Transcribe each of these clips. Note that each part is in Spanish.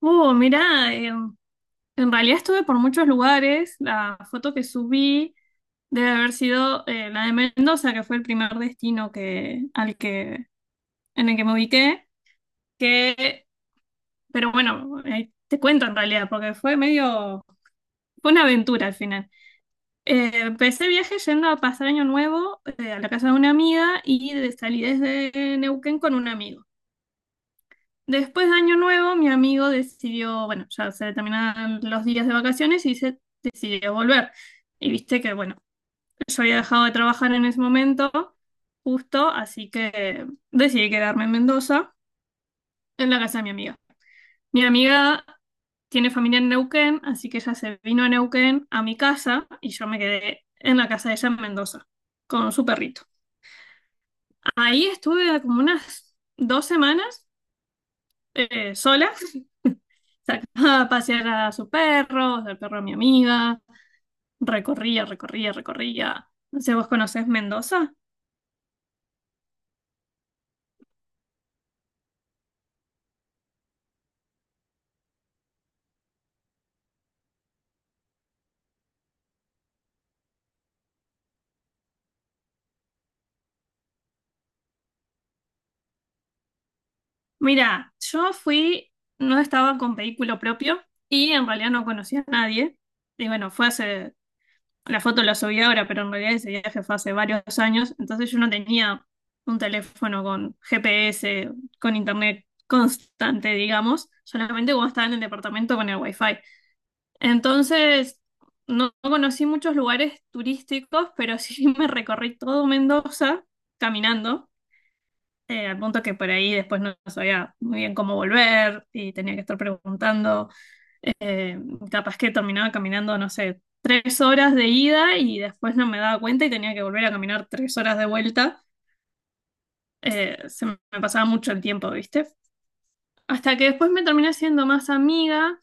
Oh mira, en realidad estuve por muchos lugares. La foto que subí debe haber sido la de Mendoza, que fue el primer destino en el que me ubiqué. Que, pero bueno, te cuento en realidad, porque fue una aventura al final. Empecé el viaje yendo a pasar Año Nuevo, a la casa de una amiga y salí desde Neuquén con un amigo. Después de Año Nuevo, mi amigo decidió, bueno, ya se terminaban los días de vacaciones y se decidió volver. Y viste que, bueno, yo había dejado de trabajar en ese momento, justo, así que decidí quedarme en Mendoza, en la casa de mi amiga. Mi amiga tiene familia en Neuquén, así que ella se vino a Neuquén a mi casa y yo me quedé en la casa de ella en Mendoza, con su perrito. Ahí estuve como unas 2 semanas, sola. Sacaba a pasear a sus perros, al perro de mi amiga. Recorría, recorría, recorría. No sé, ¿vos conocés Mendoza? Mira, yo fui, no estaba con vehículo propio y en realidad no conocía a nadie. Y bueno, la foto la subí ahora, pero en realidad ese viaje fue hace varios años. Entonces yo no tenía un teléfono con GPS, con internet constante, digamos. Solamente cuando estaba en el departamento con el wifi. Entonces, no, no conocí muchos lugares turísticos, pero sí me recorrí todo Mendoza caminando, al punto que por ahí después no sabía muy bien cómo volver y tenía que estar preguntando. Eh, Capaz que terminaba caminando, no sé, 3 horas de ida y después no me daba cuenta y tenía que volver a caminar tres horas de vuelta. Se me pasaba mucho el tiempo, ¿viste? Hasta que después me terminé siendo más amiga,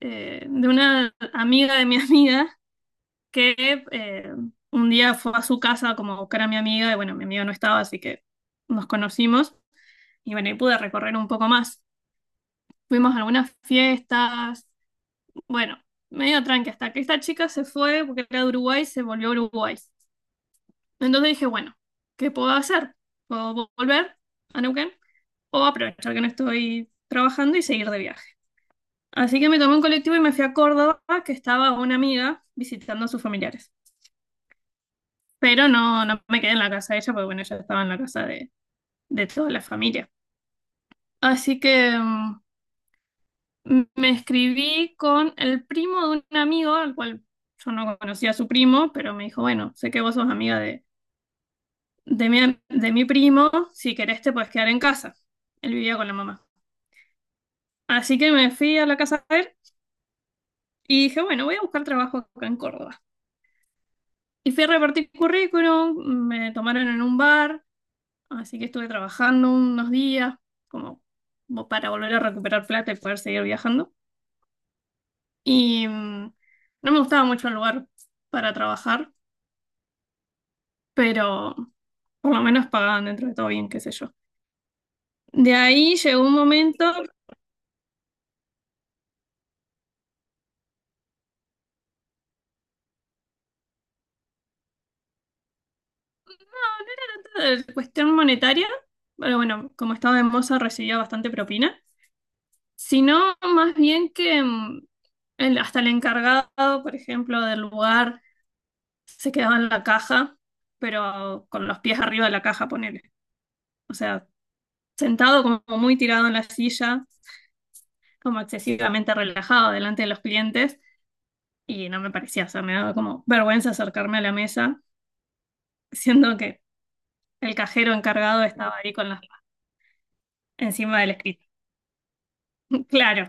de una amiga de mi amiga que, un día fue a su casa como a buscar a mi amiga y bueno, mi amiga no estaba, así que nos conocimos y bueno, y pude recorrer un poco más. Fuimos a algunas fiestas, bueno, medio tranqui, hasta que esta chica se fue porque era de Uruguay, se volvió a Uruguay. Entonces dije, bueno, ¿qué puedo hacer? ¿Puedo volver a Neuquén o aprovechar que no estoy trabajando y seguir de viaje? Así que me tomé un colectivo y me fui a Córdoba, que estaba una amiga visitando a sus familiares. Pero no, no me quedé en la casa de ella, porque bueno, ella estaba en la casa de toda la familia. Así que, me escribí con el primo de un amigo, al cual yo no conocía a su primo, pero me dijo, bueno, sé que vos sos amiga de mi primo, si querés te puedes quedar en casa. Él vivía con la mamá. Así que me fui a la casa de él y dije, bueno, voy a buscar trabajo acá en Córdoba. Y fui a repartir currículum, me tomaron en un bar. Así que estuve trabajando unos días como para volver a recuperar plata y poder seguir viajando. Y, no me gustaba mucho el lugar para trabajar, pero por lo menos pagaban dentro de todo bien, qué sé yo. De ahí llegó un momento, no, no era tanto de cuestión monetaria, pero bueno, como estaba en Moza recibía bastante propina, sino más bien que, hasta el encargado, por ejemplo, del lugar se quedaba en la caja, pero con los pies arriba de la caja, ponele. O sea, sentado como muy tirado en la silla, como excesivamente relajado delante de los clientes, y no me parecía, o sea, me daba como vergüenza acercarme a la mesa, siendo que el cajero encargado estaba ahí con las manos encima del escritorio. Claro.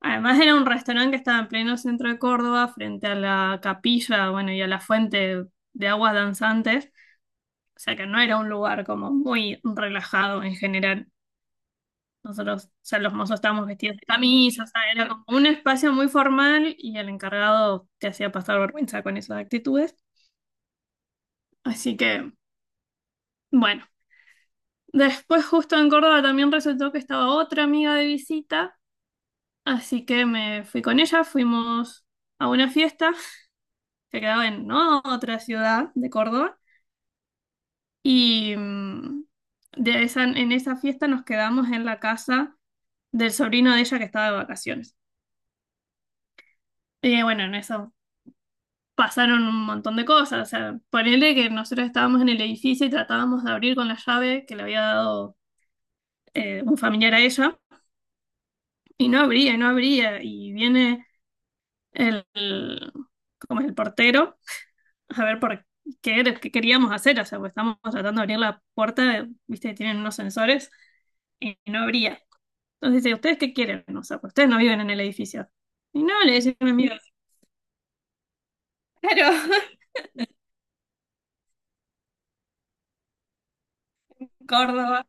Además era un restaurante que estaba en pleno centro de Córdoba, frente a la capilla, bueno, y a la fuente de aguas danzantes, o sea que no era un lugar como muy relajado en general. Nosotros, o sea, los mozos estábamos vestidos de camisa, o sea, era como un espacio muy formal y el encargado te hacía pasar vergüenza con esas actitudes. Así que, bueno, después justo en Córdoba también resultó que estaba otra amiga de visita, así que me fui con ella, fuimos a una fiesta que quedaba en, ¿no?, otra ciudad de Córdoba y, en esa fiesta nos quedamos en la casa del sobrino de ella que estaba de vacaciones. Y bueno, en eso pasaron un montón de cosas. O sea, ponele que nosotros estábamos en el edificio y tratábamos de abrir con la llave que le había dado, un familiar a ella, y no abría, y no abría. Y viene el, el- como el portero a ver por qué, qué queríamos hacer. O sea, pues estamos tratando de abrir la puerta, viste, tienen unos sensores, y no abría. Entonces dice, ¿ustedes qué quieren? O sea, pues ustedes no viven en el edificio. Y no, le dice mi amigo, claro. Córdoba.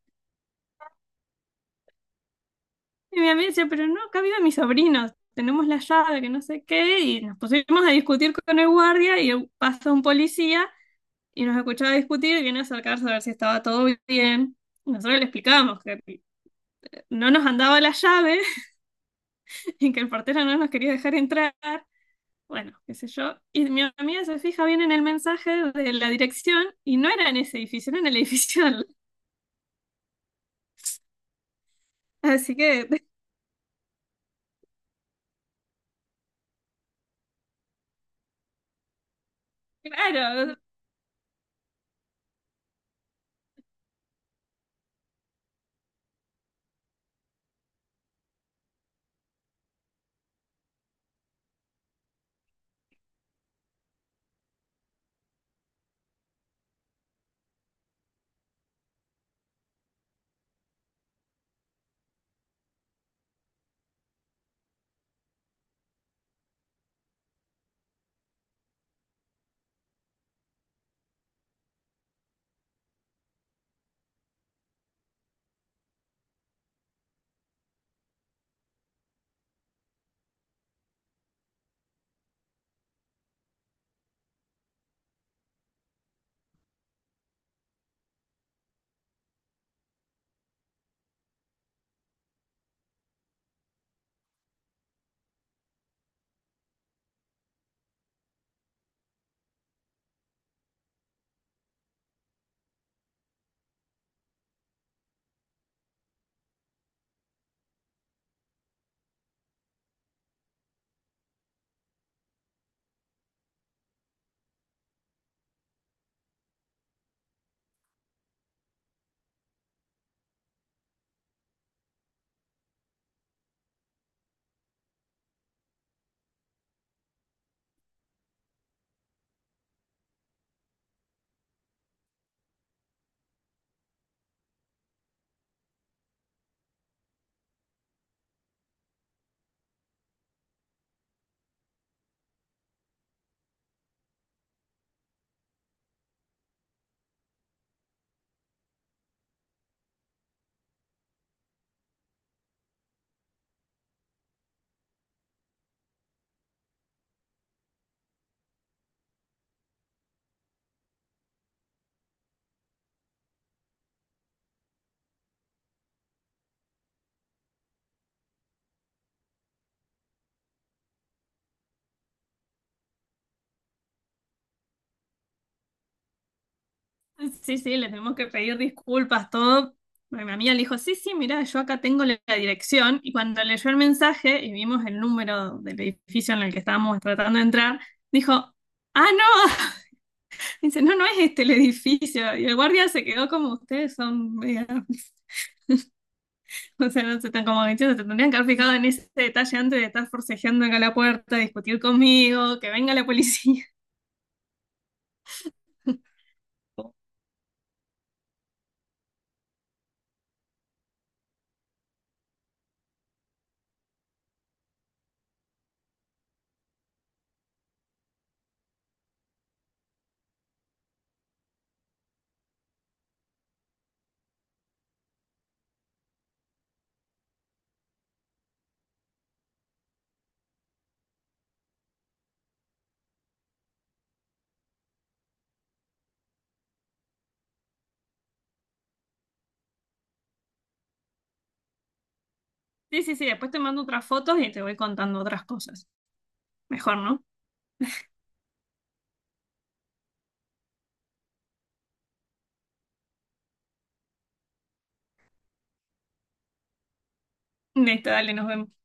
Y mi amiga decía, pero no, acá viven mis sobrinos, tenemos la llave, que no sé qué, y nos pusimos a discutir con el guardia y pasa un policía y nos escuchaba discutir y viene a acercarse a ver si estaba todo bien. Y nosotros le explicamos que no nos andaba la llave y que el portero no nos quería dejar entrar. Bueno, qué sé yo. Y mi amiga se fija bien en el mensaje de la dirección y no era en ese edificio, no era en el edificio. Así que, claro. Sí, sí, le tenemos que pedir disculpas, todo. Bueno, mi amiga le dijo, sí, sí, mira, yo acá tengo la dirección. Y cuando leyó el mensaje y vimos el número del edificio en el que estábamos tratando de entrar, dijo, ah, no, dice, no, no es este el edificio. Y el guardia se quedó como, ustedes son, o sea, no se tan como que, se tendrían que haber fijado en ese detalle antes de estar forcejeando acá a la puerta, discutir conmigo, que venga la policía. Sí, sí, sí, después te mando otras fotos y te voy contando otras cosas. Mejor, ¿no? Listo, dale, nos vemos.